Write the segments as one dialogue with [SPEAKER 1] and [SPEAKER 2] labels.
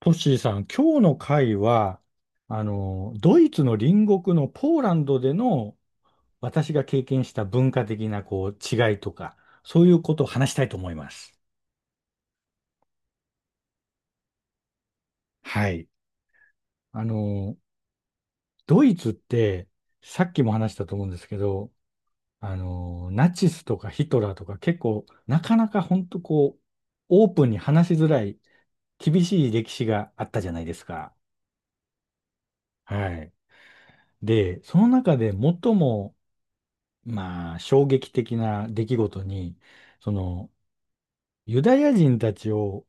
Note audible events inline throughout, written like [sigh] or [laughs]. [SPEAKER 1] トッシーさん、今日の回は、ドイツの隣国のポーランドでの私が経験した文化的なこう違いとか、そういうことを話したいと思います。はい。あの、ドイツって、さっきも話したと思うんですけど、ナチスとかヒトラーとか結構、なかなか本当こう、オープンに話しづらい、厳しい歴史があったじゃないですか。はい。で、その中で最もまあ、衝撃的な出来事に、その、ユダヤ人たちを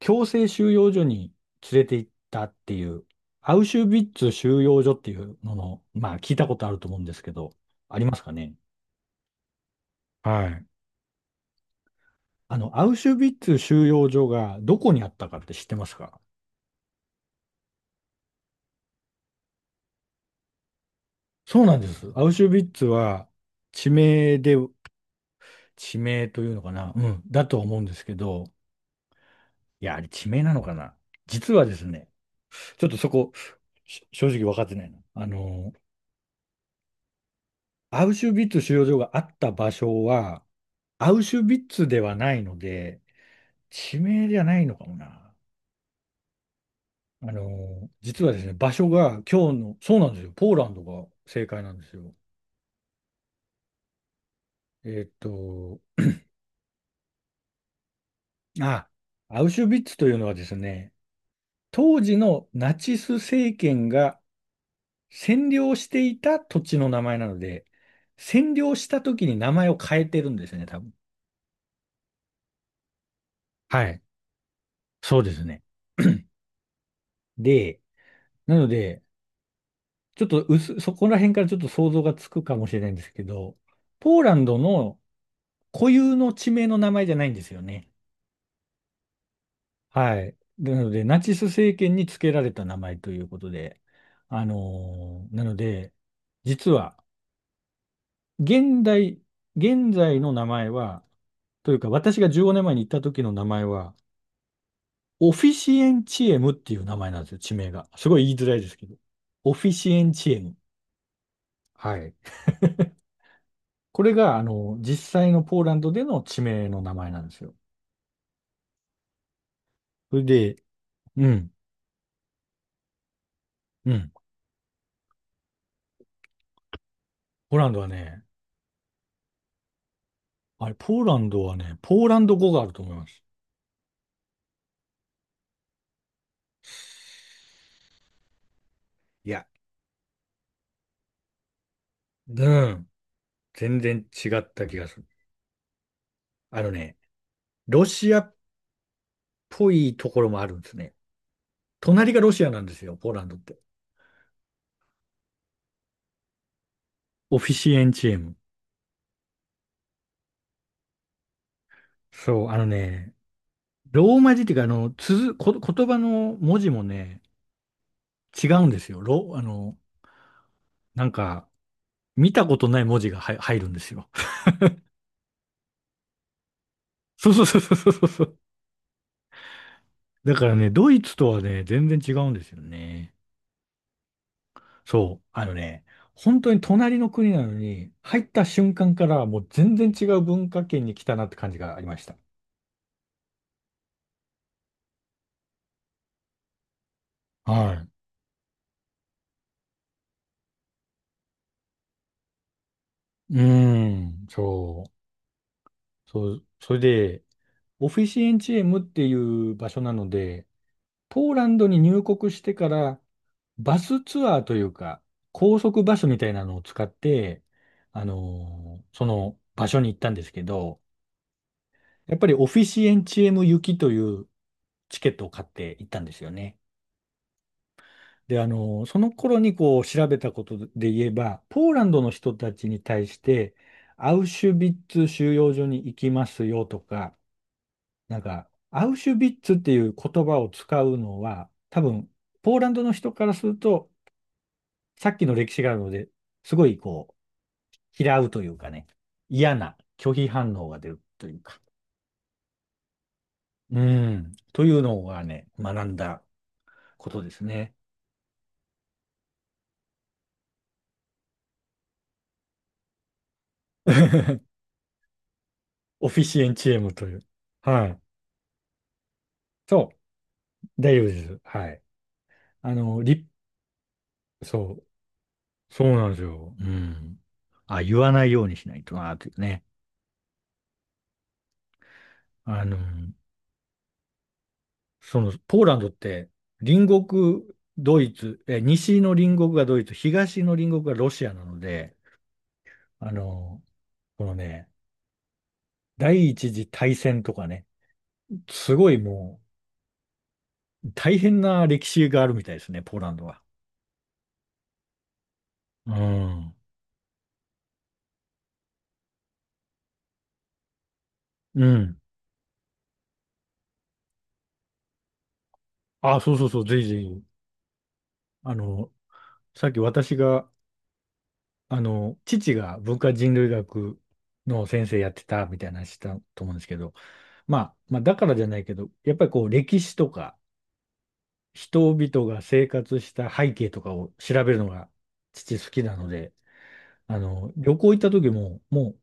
[SPEAKER 1] 強制収容所に連れて行ったっていう、アウシュビッツ収容所っていうのの、まあ、聞いたことあると思うんですけど、ありますかね？はい。アウシュビッツ収容所がどこにあったかって知ってますか？そうなんです。アウシュビッツは地名で、地名というのかな、うん、だと思うんですけど、いや、あれ地名なのかな？実はですね、ちょっとそこ、正直分かってないな。アウシュビッツ収容所があった場所は、アウシュビッツではないので、地名じゃないのかもな。実はですね、場所が今日の、そうなんですよ、ポーランドが正解なんですよ。えーっと、あ、アウシュビッツというのはですね、当時のナチス政権が占領していた土地の名前なので、占領した時に名前を変えてるんですね、多分。はい。そうですね。[clears throat] で、なので、ちょっとそこら辺からちょっと想像がつくかもしれないんですけど、ポーランドの固有の地名の名前じゃないんですよね。はい。なので、ナチス政権に付けられた名前ということで、なので、実は、現代、現在の名前は、というか、私が15年前に行った時の名前は、オフィシエンチエムっていう名前なんですよ、地名が。すごい言いづらいですけど。オフィシエンチエム。はい。これが、実際のポーランドでの地名の名前なんですよ。それで、うん、うん。ポーランドはね、ポーランドはね、ポーランド語があると思います。いや、うん。全然違った気がする。あのね、ロシアっぽいところもあるんですね。隣がロシアなんですよ、ポーランドって。オフィシエンチエム。そう、あのね、ローマ字っていうか、あの、つづ、こ、言葉の文字もね、違うんですよ。ロ、あの、なんか、見たことない文字が入るんですよ。[laughs] そうそうそうそうそうそう。だからね、ドイツとはね、全然違うんですよね。そう。あのね、本当に隣の国なのに、入った瞬間からもう全然違う文化圏に来たなって感じがありました。はい。うーん、そう。そう、それで、オフィシエンチエムっていう場所なので、ポーランドに入国してからバスツアーというか、高速バスみたいなのを使って、その場所に行ったんですけど、やっぱりオフィシエンチエム行きというチケットを買って行ったんですよね。で、その頃にこう調べたことで言えば、ポーランドの人たちに対して、アウシュビッツ収容所に行きますよとか、なんか、アウシュビッツっていう言葉を使うのは、多分、ポーランドの人からすると、さっきの歴史があるので、すごいこう、嫌うというかね、嫌な拒否反応が出るというか、うん、というのがね、学んだことですね。[laughs] オフィシエンチエムという。はい。そう、大丈夫です。はい。あの、り、そう、そうなんですよ。うん。あ、言わないようにしないとな、というね。あの、ポーランドって、隣国、ドイツ、西の隣国がドイツ、東の隣国がロシアなので、あの、このね、第一次大戦とかね、すごいもう大変な歴史があるみたいですね、ポーランドは。うん。うん。あ、そうそうそう、ぜひぜひ。あの、さっき私が、父が文化人類学の先生やってたみたいな話したと思うんですけど、まあ、まあ、だからじゃないけど、やっぱりこう、歴史とか、人々が生活した背景とかを調べるのが父好きなので、旅行行った時も、もう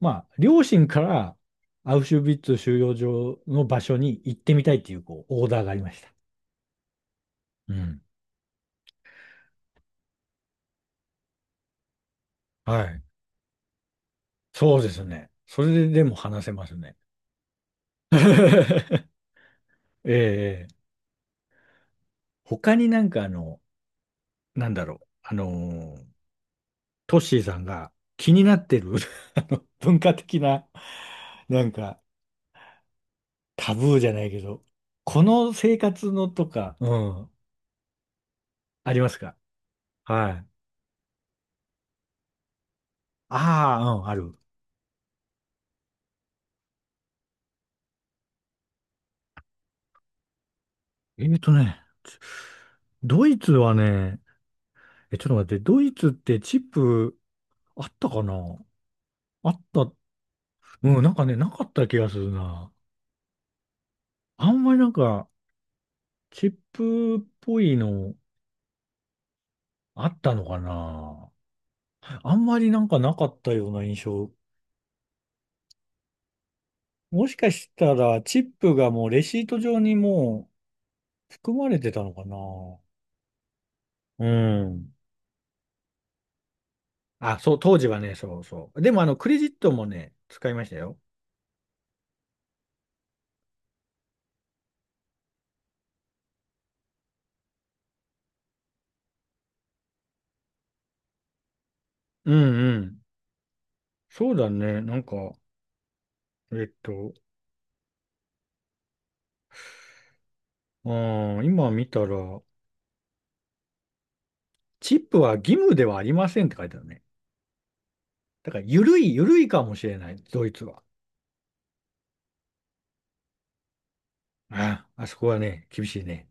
[SPEAKER 1] まあ、両親からアウシュビッツ収容所の場所に行ってみたいっていう、こう、オーダーがありました。うん。はい。そうですね。それででも話せますね。[laughs] ええ他になんかなんだろう。トッシーさんが気になってる [laughs] あの文化的な、なんか、タブーじゃないけど、この生活のとか、うん、ありますか？はい。ああ、うん、ある。えっとね、ドイツはね、ちょっと待って、ドイツってチップあったかな？あった、うん、なんかね、なかった気がするな。あんまりなんか、チップっぽいのあったのかな？あんまりなんかなかったような印象。もしかしたら、チップがもうレシート上にもう含まれてたのかな？うん。あ、そう、当時はね、そうそう。でもクレジットもね、使いましたよ。うんうん。そうだね、なんか、えっと、うん、今見たら、チップは義務ではありませんって書いてあるね。だから、ゆるい、ゆるいかもしれない、ドイツは。ああ、あそこはね、厳しいね。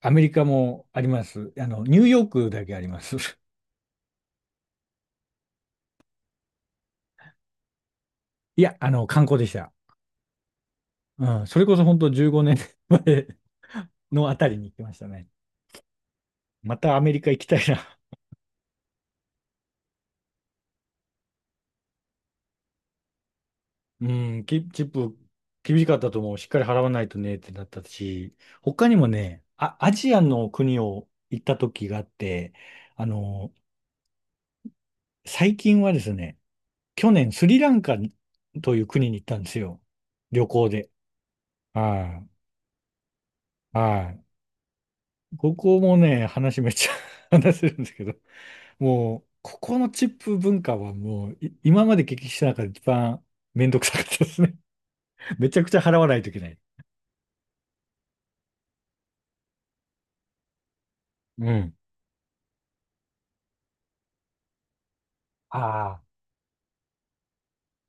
[SPEAKER 1] アメリカもあります。ニューヨークだけあります。[laughs] いや、観光でした。うん、それこそ本当15年前のあたりに行きましたね。またアメリカ行きたいな。うん、チップ厳しかったと思う。しっかり払わないとねってなったし、他にもね、あ、アジアの国を行った時があって、あの、最近はですね、去年スリランカという国に行ったんですよ。旅行で。はい。はい。ここもね、話めっちゃ [laughs] 話せるんですけど、もう、ここのチップ文化はもう、今まで経験した中で一番めんどくさかったですね。[laughs] めちゃくちゃ払わないといけない。うん。ああ。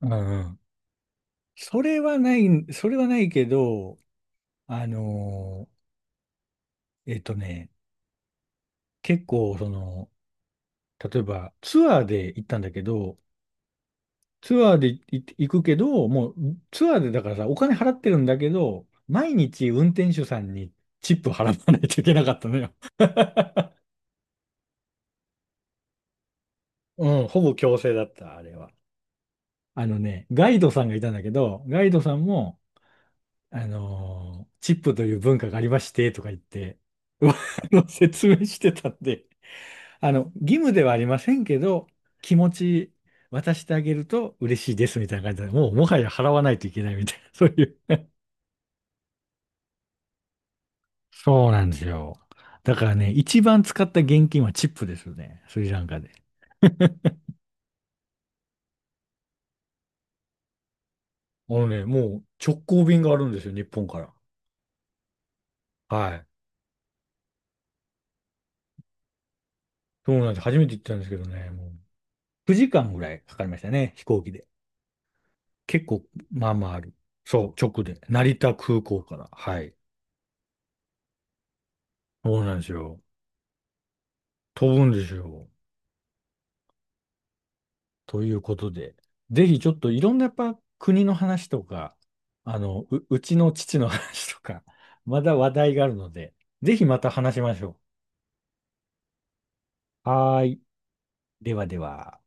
[SPEAKER 1] うんうん。それはない、それはないけど、あのーえっとね、結構、例えばツアーで行ったんだけど、ツアーで行くけど、もうツアーでだからさ、お金払ってるんだけど、毎日運転手さんにチップ払わないといけなかったのよ。うん、ほぼ強制だった、あれは。あのね、ガイドさんがいたんだけど、ガイドさんも、チップという文化がありまして、とか言って、うわあの説明してたんで、義務ではありませんけど、気持ち渡してあげると嬉しいです、みたいな感じで、もうもはや払わないといけないみたいな、そういうそうなんですよ。だからね、一番使った現金はチップですよね。スリランカで。[laughs] あのね、もう直行便があるんですよ、日本から。はい。そうなんです。初めて行ったんですけどね、もう9時間ぐらいかかりましたね、飛行機で。結構、まあまあある。そう、直で。成田空港から。はい。そうなんですよ。飛ぶんですよ。ということで、ぜひちょっといろんなやっぱ国の話とか、うちの父の話とか、[laughs] まだ話題があるので、ぜひまた話しましょう。はーい。ではでは。